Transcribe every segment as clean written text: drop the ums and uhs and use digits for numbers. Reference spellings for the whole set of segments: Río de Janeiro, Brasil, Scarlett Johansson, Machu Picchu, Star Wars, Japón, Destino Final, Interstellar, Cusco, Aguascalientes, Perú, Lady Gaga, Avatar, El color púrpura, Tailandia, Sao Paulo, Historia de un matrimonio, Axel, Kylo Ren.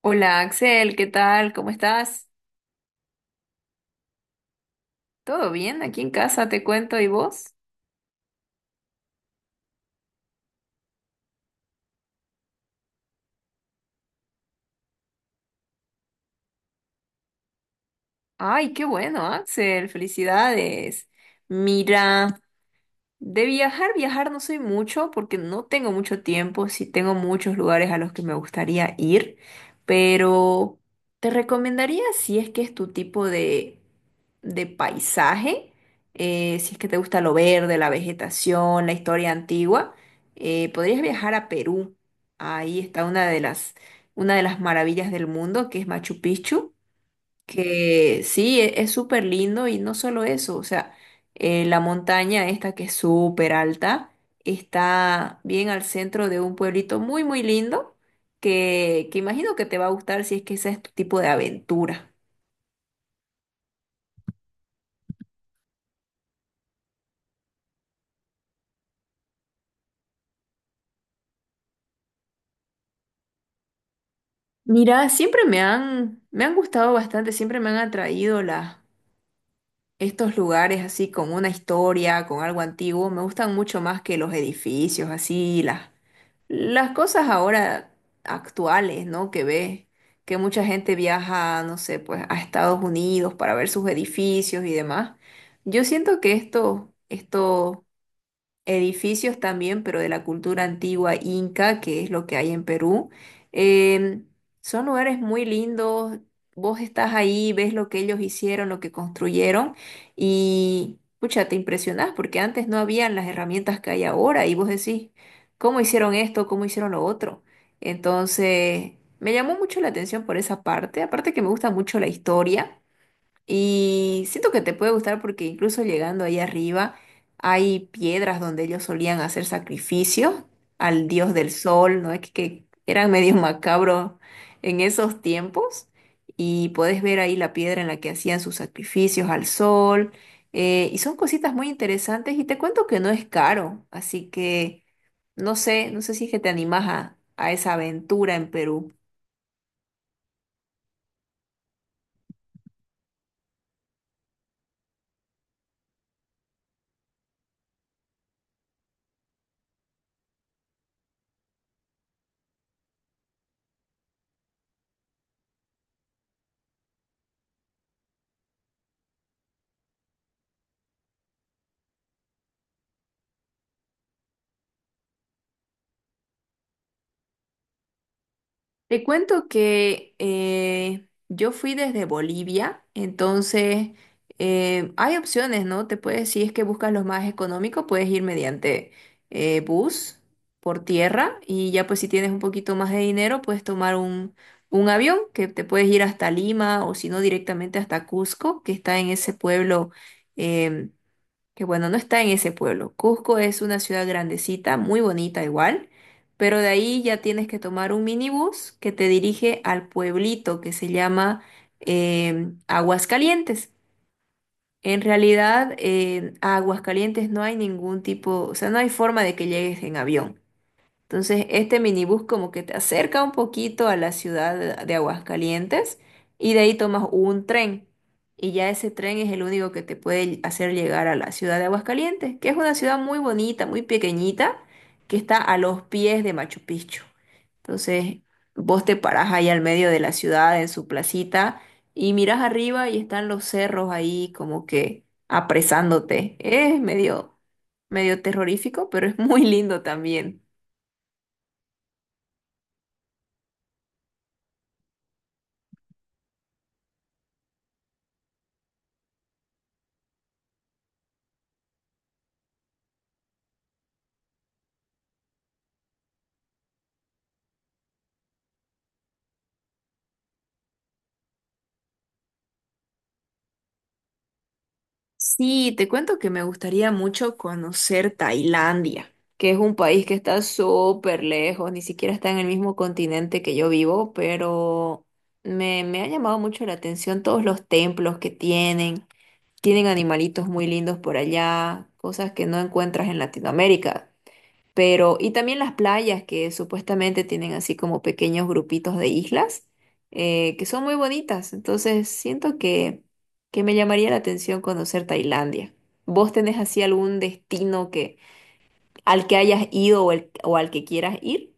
Hola Axel, ¿qué tal? ¿Cómo estás? ¿Todo bien? Aquí en casa te cuento, ¿y vos? Ay, qué bueno, Axel, felicidades. Mira. De viajar, viajar no soy mucho porque no tengo mucho tiempo, sí tengo muchos lugares a los que me gustaría ir, pero te recomendaría si es que es tu tipo de paisaje, si es que te gusta lo verde, la vegetación, la historia antigua. Podrías viajar a Perú. Ahí está una de las maravillas del mundo, que es Machu Picchu, que sí, es súper lindo. Y no solo eso, o sea, la montaña esta que es súper alta está bien al centro de un pueblito muy, muy lindo que imagino que te va a gustar si es que ese es tu tipo de aventura. Mira, siempre me han gustado bastante, siempre me han atraído las, estos lugares así con una historia, con algo antiguo. Me gustan mucho más que los edificios así, las cosas ahora actuales, ¿no? Que ves que mucha gente viaja, no sé, pues a Estados Unidos para ver sus edificios y demás. Yo siento que esto edificios también, pero de la cultura antigua inca, que es lo que hay en Perú. Em, Son lugares muy lindos, vos estás ahí, ves lo que ellos hicieron, lo que construyeron y, pucha, te impresionás porque antes no habían las herramientas que hay ahora y vos decís, ¿cómo hicieron esto? ¿Cómo hicieron lo otro? Entonces, me llamó mucho la atención por esa parte, aparte que me gusta mucho la historia. Y siento que te puede gustar porque incluso llegando ahí arriba hay piedras donde ellos solían hacer sacrificios al dios del sol, ¿no? Es que eran medio macabros en esos tiempos. Y podés ver ahí la piedra en la que hacían sus sacrificios al sol. Y son cositas muy interesantes y te cuento que no es caro. Así que no sé, no sé si es que te animas a esa aventura en Perú. Te cuento que yo fui desde Bolivia, entonces hay opciones, ¿no? Te puedes, si es que buscas los más económicos, puedes ir mediante bus por tierra. Y ya pues si tienes un poquito más de dinero, puedes tomar un avión que te puedes ir hasta Lima, o si no directamente hasta Cusco, que está en ese pueblo. em, que bueno, no está en ese pueblo. Cusco es una ciudad grandecita, muy bonita igual, pero de ahí ya tienes que tomar un minibús que te dirige al pueblito que se llama Aguascalientes. En realidad, a Aguascalientes no hay ningún tipo, o sea, no hay forma de que llegues en avión. Entonces, este minibús como que te acerca un poquito a la ciudad de Aguascalientes y de ahí tomas un tren. Y ya ese tren es el único que te puede hacer llegar a la ciudad de Aguascalientes, que es una ciudad muy bonita, muy pequeñita, que está a los pies de Machu Picchu. Entonces, vos te parás ahí al medio de la ciudad, en su placita, y mirás arriba y están los cerros ahí como que apresándote. Es medio, medio terrorífico, pero es muy lindo también. Sí, te cuento que me gustaría mucho conocer Tailandia, que es un país que está súper lejos, ni siquiera está en el mismo continente que yo vivo, pero me ha llamado mucho la atención todos los templos que tienen, tienen animalitos muy lindos por allá, cosas que no encuentras en Latinoamérica. Pero, y también las playas que supuestamente tienen así como pequeños grupitos de islas, que son muy bonitas. Entonces, siento que me llamaría la atención conocer Tailandia. ¿Vos tenés así algún destino al que hayas ido o, o al que quieras ir?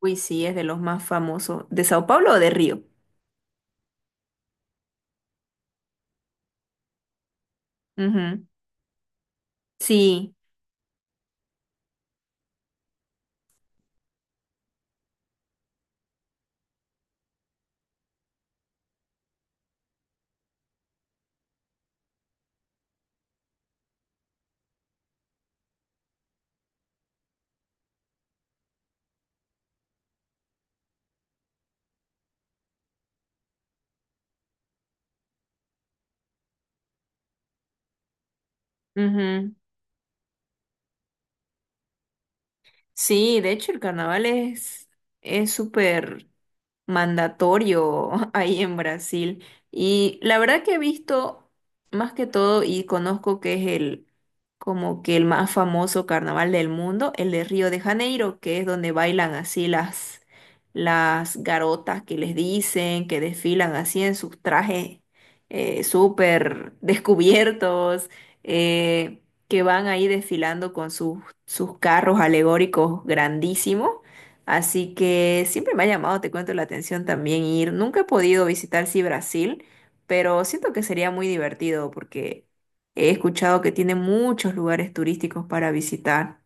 Uy, sí, es de los más famosos. ¿De Sao Paulo o de Río? Ujú. Sí, ujú. Sí, de hecho el carnaval es súper mandatorio ahí en Brasil. Y la verdad que he visto más que todo y conozco que es el como que el más famoso carnaval del mundo, el de Río de Janeiro, que es donde bailan así las garotas que les dicen, que desfilan así en sus trajes súper descubiertos, eh, que van ahí desfilando con sus, sus carros alegóricos grandísimos. Así que siempre me ha llamado, te cuento, la atención también ir. Nunca he podido visitar sí Brasil, pero siento que sería muy divertido porque he escuchado que tiene muchos lugares turísticos para visitar.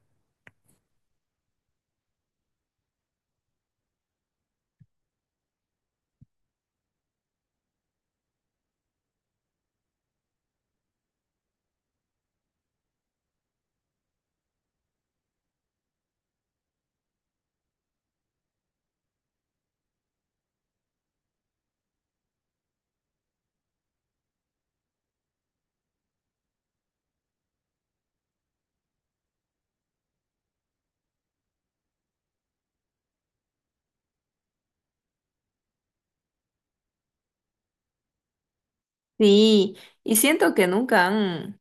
Sí, y siento que nunca han,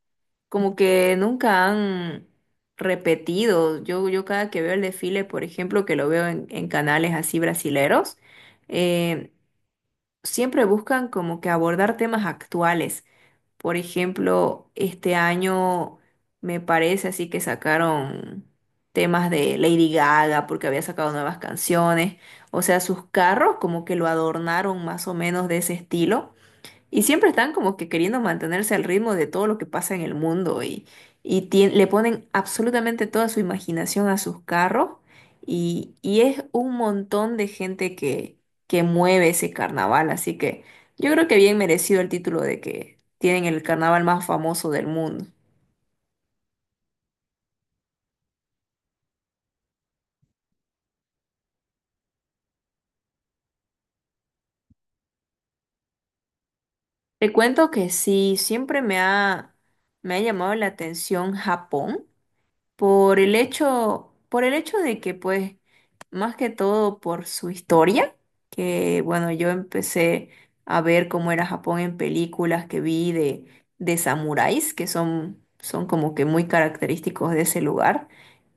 como que nunca han repetido. Yo cada que veo el desfile, por ejemplo, que lo veo en canales así brasileros, eh, siempre buscan como que abordar temas actuales. Por ejemplo, este año me parece así que sacaron temas de Lady Gaga porque había sacado nuevas canciones. O sea, sus carros como que lo adornaron más o menos de ese estilo. Y siempre están como que queriendo mantenerse al ritmo de todo lo que pasa en el mundo y, le ponen absolutamente toda su imaginación a sus carros y es un montón de gente que mueve ese carnaval, así que yo creo que bien merecido el título de que tienen el carnaval más famoso del mundo. Te cuento que sí, siempre me ha llamado la atención Japón. Por el hecho de que, pues, más que todo por su historia, que bueno, yo empecé a ver cómo era Japón en películas que vi de samuráis, son como que muy característicos de ese lugar.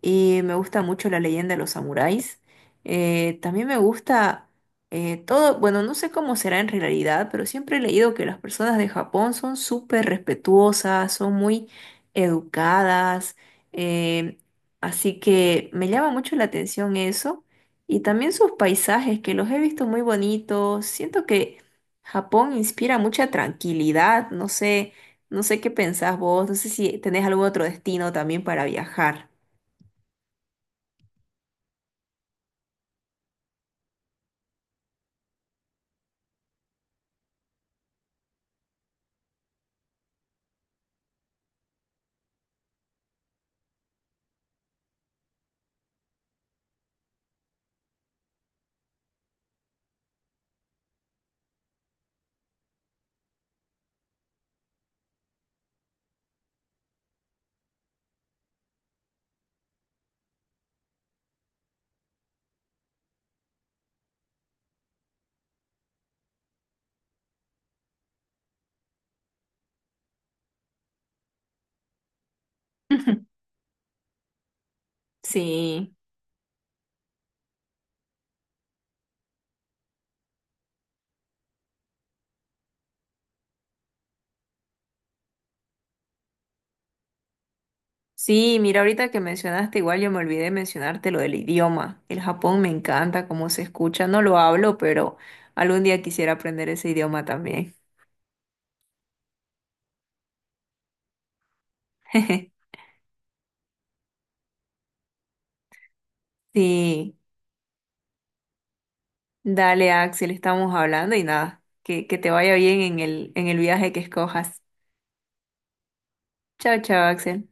Y me gusta mucho la leyenda de los samuráis. También me gusta todo, bueno, no sé cómo será en realidad, pero siempre he leído que las personas de Japón son súper respetuosas, son muy educadas, eh, así que me llama mucho la atención eso y también sus paisajes que los he visto muy bonitos. Siento que Japón inspira mucha tranquilidad. No sé, no sé qué pensás vos. No sé si tenés algún otro destino también para viajar. Sí, sí, mira, ahorita que mencionaste, igual yo me olvidé de mencionarte lo del idioma. El Japón me encanta cómo se escucha, no lo hablo, pero algún día quisiera aprender ese idioma también. Sí. Dale, Axel, estamos hablando y nada, que te vaya bien en el viaje que escojas. Chao, chao, Axel.